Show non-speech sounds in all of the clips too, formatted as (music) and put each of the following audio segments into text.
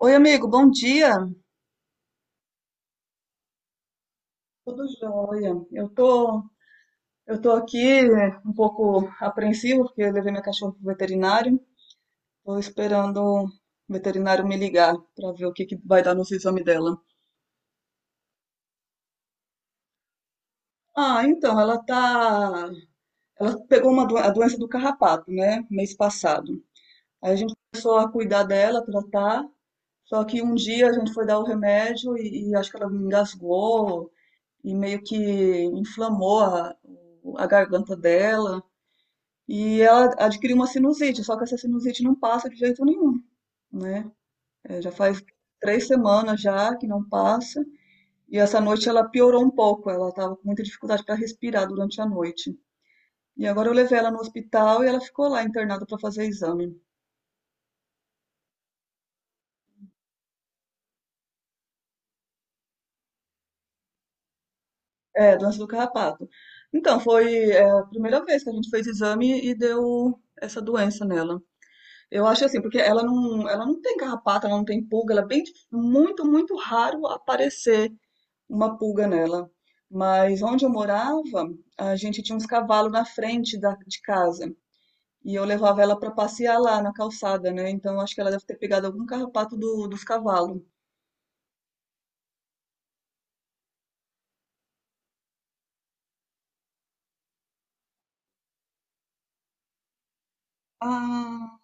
Oi, amigo, bom dia. Tudo jóia. Eu tô aqui né, um pouco apreensivo porque eu levei minha cachorra pro veterinário. Tô esperando o veterinário me ligar para ver o que que vai dar nos exames dela. Ah, então, ela pegou uma a doença do carrapato, né, mês passado. Aí a gente começou a cuidar dela, tratar. Só que um dia a gente foi dar o remédio e acho que ela engasgou e meio que inflamou a garganta dela. E ela adquiriu uma sinusite, só que essa sinusite não passa de jeito nenhum, né? Já faz 3 semanas já que não passa. E essa noite ela piorou um pouco, ela estava com muita dificuldade para respirar durante a noite. E agora eu levei ela no hospital e ela ficou lá internada para fazer exame. É, doença do carrapato. Então, foi, é, a primeira vez que a gente fez exame e deu essa doença nela. Eu acho assim, porque ela não tem carrapato, ela não tem pulga, ela é bem, muito, muito raro aparecer uma pulga nela. Mas onde eu morava, a gente tinha uns cavalos na frente de casa. E eu levava ela para passear lá na calçada, né? Então acho que ela deve ter pegado algum carrapato dos cavalos. Ah,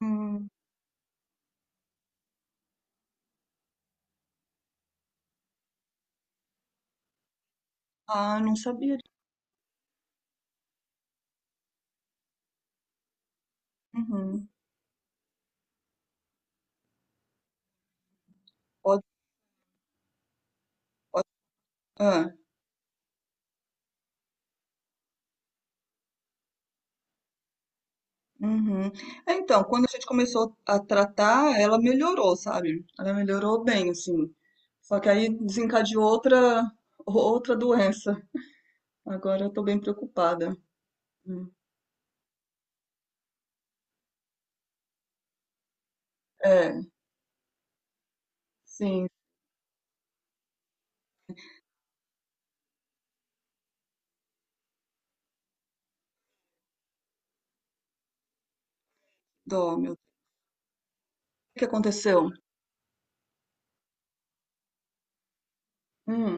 hum, ah, não sabia. Uhum. Pode, pode. Ah, uhum. É, então, quando a gente começou a tratar, ela melhorou, sabe? Ela melhorou bem, assim. Só que aí desencadeou outra doença. Agora eu tô bem preocupada. Hum. É. Sim, dó, meu Deus. O que aconteceu? Hum,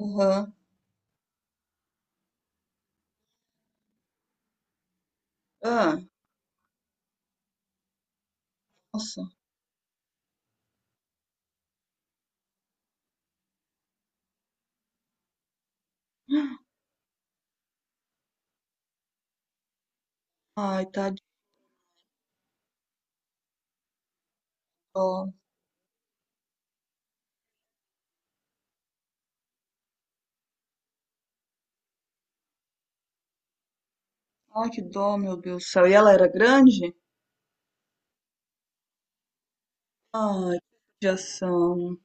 aham. Ah, nossa. Ai, tá de dó. Ai, que dó, meu Deus do céu. E ela era grande? Ai, que judiação.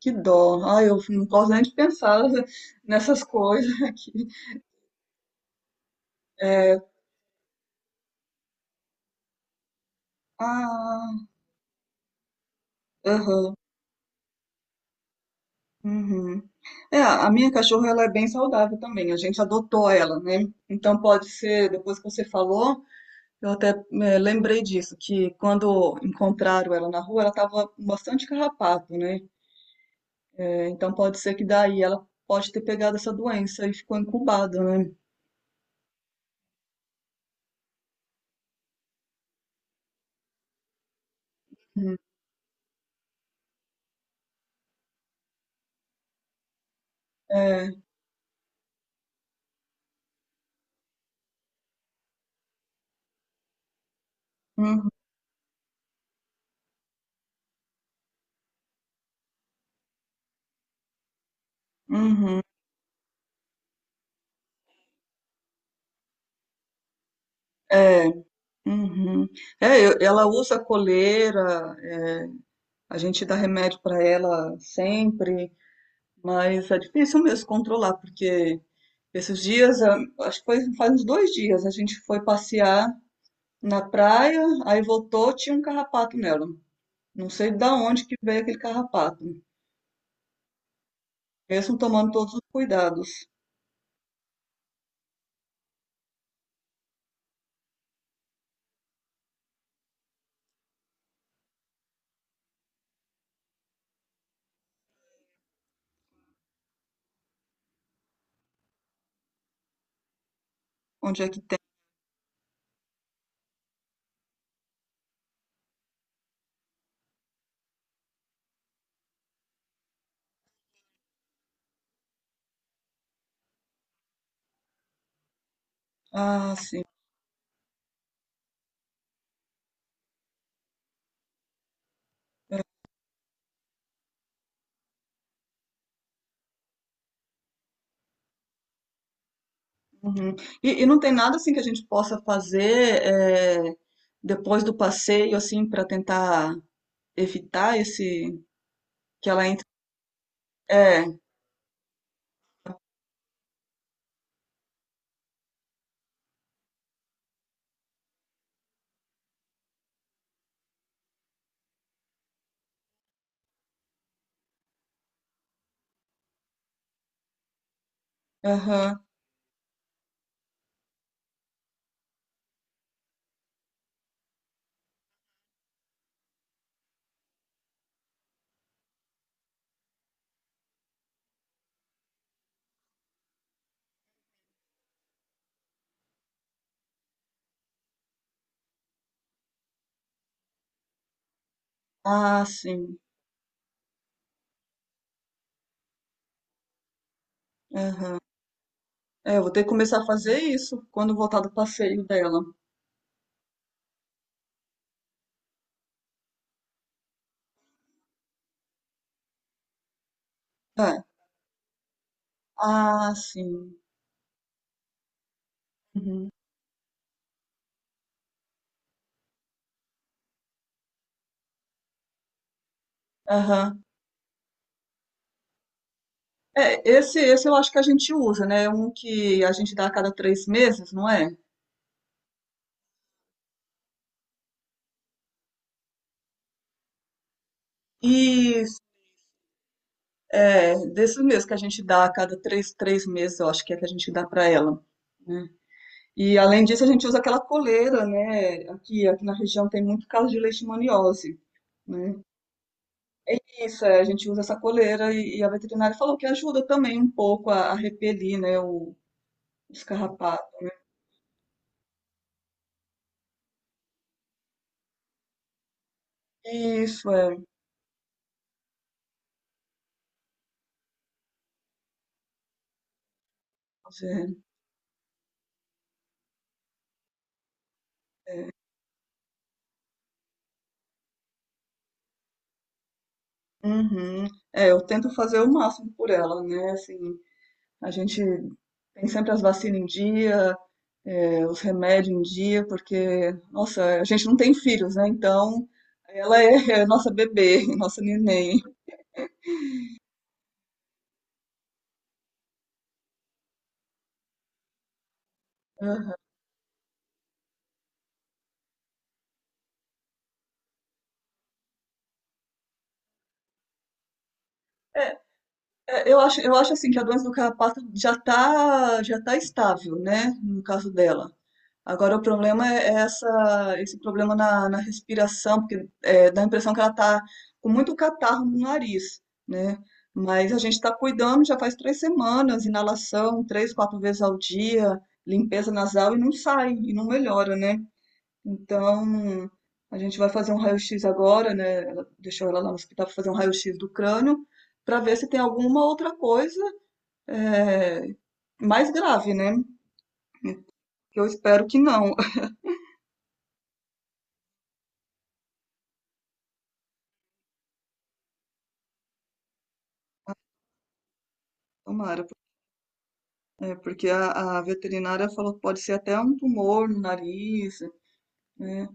Que dó. Ai, eu não posso nem pensar nessas coisas aqui. É, ah, aham. Uhum. É, a minha cachorra ela é bem saudável também. A gente adotou ela, né? Então pode ser, depois que você falou, eu até lembrei disso, que quando encontraram ela na rua, ela estava com bastante carrapato, né? Então pode ser que daí ela pode ter pegado essa doença e ficou incubada, né? Hum. É, uhum, uhum, é, uhum. É, ela usa coleira, é, a gente dá remédio para ela sempre, mas é difícil mesmo controlar, porque esses dias, ah, acho que foi faz uns 2 dias, a gente foi passear na praia, aí voltou, tinha um carrapato nela. Não sei da onde que veio aquele carrapato, mesmo tomando todos os cuidados. Onde é que tem? Ah, sim. Uhum. E não tem nada assim que a gente possa fazer depois do passeio, assim, para tentar evitar esse que ela entre. É, aham. Ah, sim. Aham. É, eu vou ter que começar a fazer isso quando voltar do passeio dela. É. Ah, sim. Uhum. Aham. É, esse eu acho que a gente usa, né? Um que a gente dá a cada 3 meses, não é? E é, desses mesmo que a gente dá a cada três meses, eu acho que é que a gente dá para ela, né? E além disso, a gente usa aquela coleira, né? Aqui na região tem muito caso de leishmaniose. Né? Isso, é, a gente usa essa coleira e a veterinária falou que ajuda também um pouco a repelir, né, o, os carrapatos. Isso, é. Pois é. Uhum. É, eu tento fazer o máximo por ela, né? Assim, a gente tem sempre as vacinas em dia, é, os remédios em dia, porque, nossa, a gente não tem filhos, né? Então, ela é, (laughs) é nossa bebê, (laughs) nossa neném. Aham. É, é, eu acho assim que a doença do carrapato já tá estável, né? No caso dela. Agora, o problema é esse problema na respiração, porque é, dá a impressão que ela está com muito catarro no nariz, né? Mas a gente está cuidando já faz 3 semanas, inalação 3, 4 vezes ao dia, limpeza nasal e não sai, e não melhora, né? Então, a gente vai fazer um raio-x agora, né? Ela deixou ela lá no hospital para fazer um raio-x do crânio, para ver se tem alguma outra coisa é, mais grave, né? Eu espero que não. (laughs) Tomara. É, porque a veterinária falou que pode ser até um tumor no nariz, né?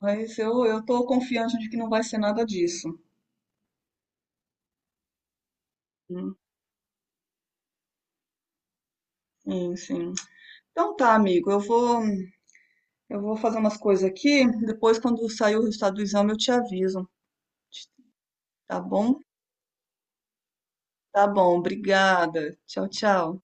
Mas eu tô confiante de que não vai ser nada disso. Né? Sim, sim. Então tá, amigo, eu vou fazer umas coisas aqui. Depois, quando sair o resultado do exame, eu te aviso. Tá bom? Tá bom, obrigada. Tchau, tchau.